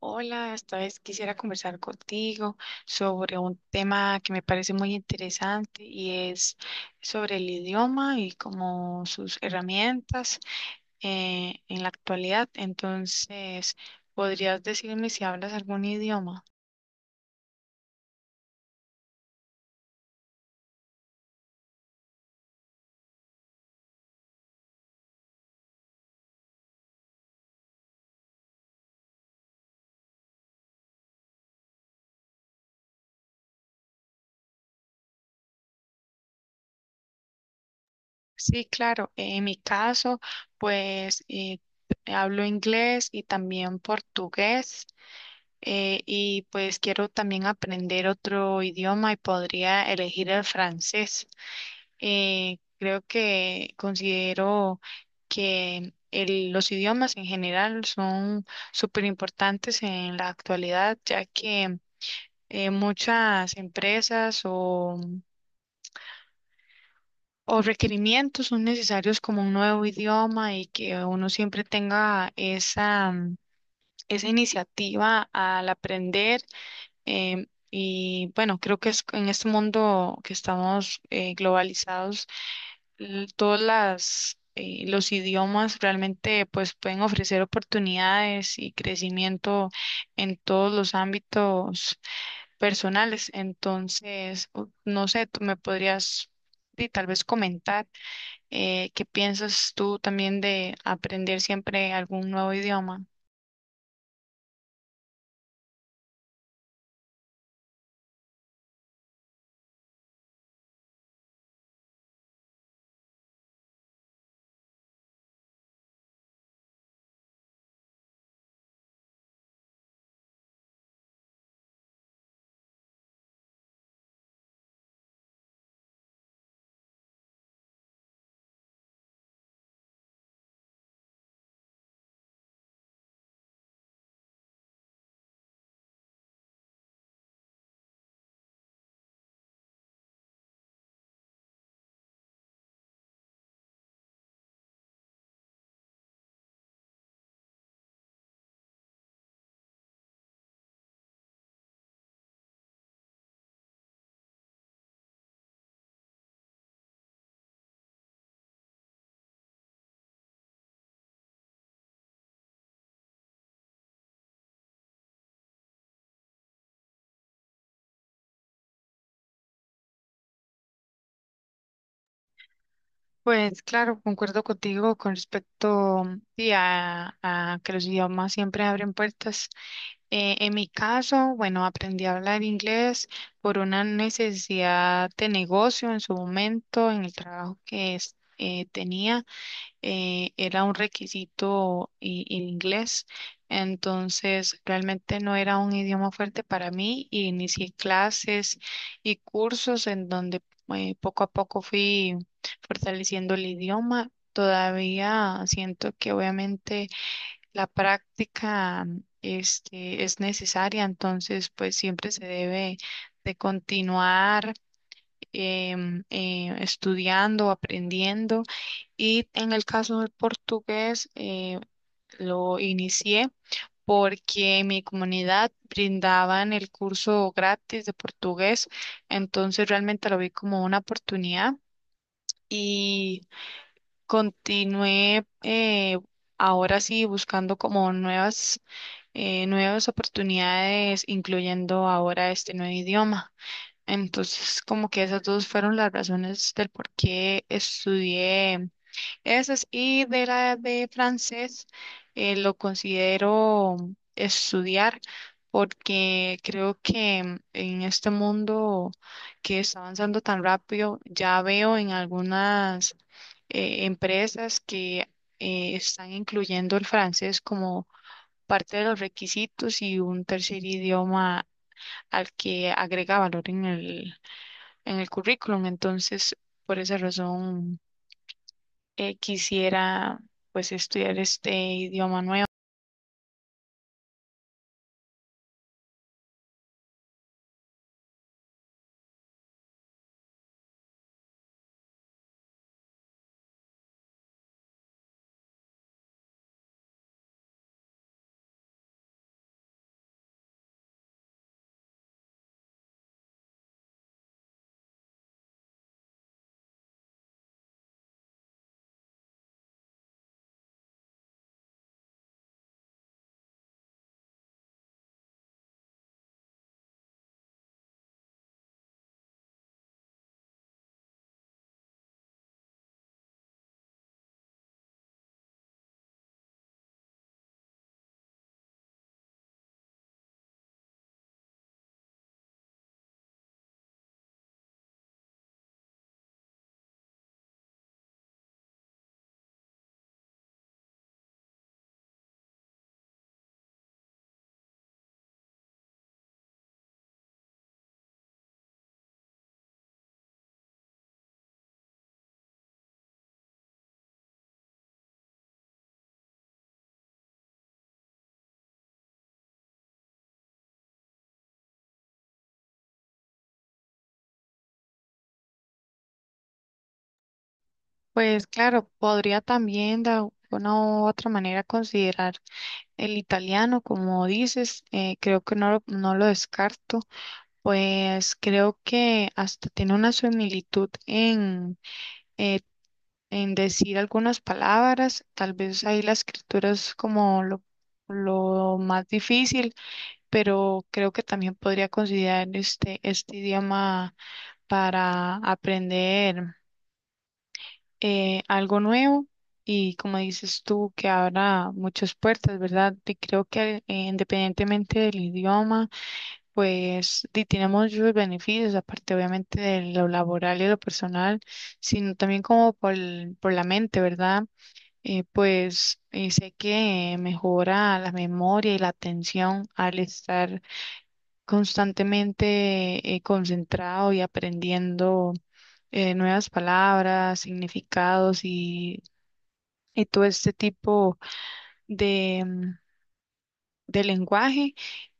Hola, esta vez quisiera conversar contigo sobre un tema que me parece muy interesante y es sobre el idioma y como sus herramientas en la actualidad. Entonces, ¿podrías decirme si hablas algún idioma? Sí, claro. En mi caso, pues eh, hablo inglés y también portugués. Y pues quiero también aprender otro idioma y podría elegir el francés. Creo que considero que los idiomas en general son súper importantes en la actualidad, ya que muchas empresas o requerimientos son necesarios como un nuevo idioma y que uno siempre tenga esa, esa iniciativa al aprender. Y bueno, creo que es en este mundo que estamos globalizados, todas las los idiomas realmente pues pueden ofrecer oportunidades y crecimiento en todos los ámbitos personales. Entonces, no sé, tú me podrías y tal vez comentar qué piensas tú también de aprender siempre algún nuevo idioma. Pues claro, concuerdo contigo con respecto sí, a que los idiomas siempre abren puertas. En mi caso, bueno, aprendí a hablar inglés por una necesidad de negocio en su momento, en el trabajo que tenía, era un requisito el inglés, entonces realmente no era un idioma fuerte para mí y inicié clases y cursos en donde poco a poco fui fortaleciendo el idioma. Todavía siento que obviamente la práctica este, es necesaria, entonces pues siempre se debe de continuar estudiando, aprendiendo. Y en el caso del portugués lo inicié porque en mi comunidad brindaban el curso gratis de portugués, entonces realmente lo vi como una oportunidad y continué, ahora sí buscando como nuevas nuevas oportunidades, incluyendo ahora este nuevo idioma. Entonces, como que esas dos fueron las razones del por qué estudié esas, y de la de francés lo considero estudiar porque creo que en este mundo que está avanzando tan rápido, ya veo en algunas empresas que están incluyendo el francés como parte de los requisitos y un tercer idioma al que agrega valor en en el currículum. Entonces, por esa razón, quisiera pues estudiar este idioma nuevo. Pues claro, podría también de alguna u otra manera considerar el italiano, como dices. Eh, creo que no, no lo descarto, pues creo que hasta tiene una similitud eh, en decir algunas palabras, tal vez ahí la escritura es como lo más difícil, pero creo que también podría considerar este idioma para aprender algo nuevo, y como dices tú, que abra muchas puertas, ¿verdad? Y creo que independientemente del idioma, pues tiene muchos beneficios, aparte obviamente de lo laboral y lo personal, sino también como por, por la mente, ¿verdad? Sé que mejora la memoria y la atención al estar constantemente concentrado y aprendiendo nuevas palabras, significados, y todo este tipo de, de lenguaje.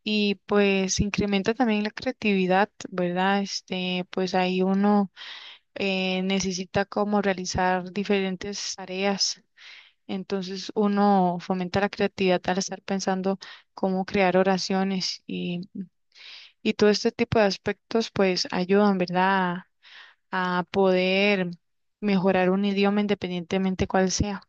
Y pues incrementa también la creatividad, ¿verdad? Este, pues ahí uno necesita como realizar diferentes tareas. Entonces uno fomenta la creatividad al estar pensando cómo crear oraciones, y todo este tipo de aspectos pues ayudan, ¿verdad? A poder mejorar un idioma independientemente cuál sea.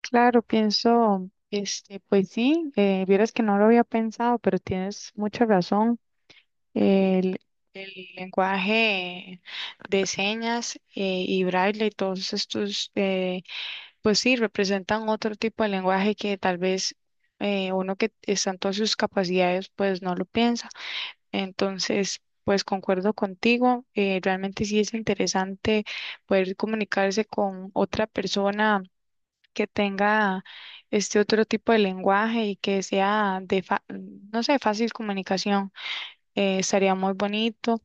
Claro, pienso, este, pues sí, vieras que no lo había pensado, pero tienes mucha razón. El, el lenguaje de señas y braille y todos estos pues sí, representan otro tipo de lenguaje que tal vez uno que está en todas sus capacidades, pues no lo piensa. Entonces, pues concuerdo contigo, realmente sí es interesante poder comunicarse con otra persona que tenga este otro tipo de lenguaje y que sea de, no sé, fácil comunicación. Estaría muy bonito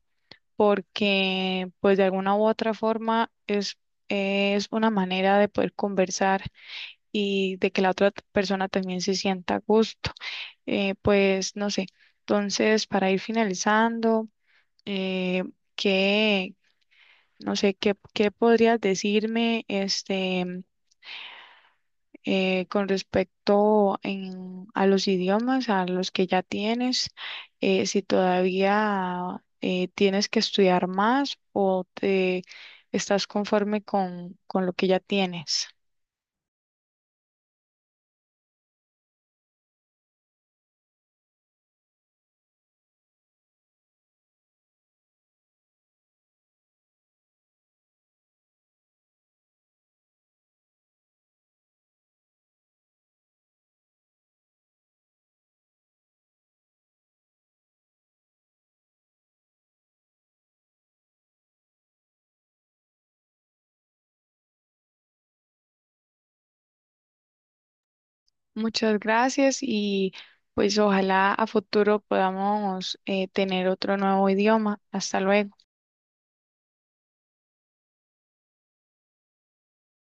porque pues de alguna u otra forma es una manera de poder conversar y de que la otra persona también se sienta a gusto. Pues no sé. Entonces, para ir finalizando, eh, ¿qué, no sé, qué podrías decirme este, con respecto a los idiomas, a los que ya tienes, si todavía tienes que estudiar más o te estás conforme con lo que ya tienes? Muchas gracias, y pues ojalá a futuro podamos, tener otro nuevo idioma. Hasta luego.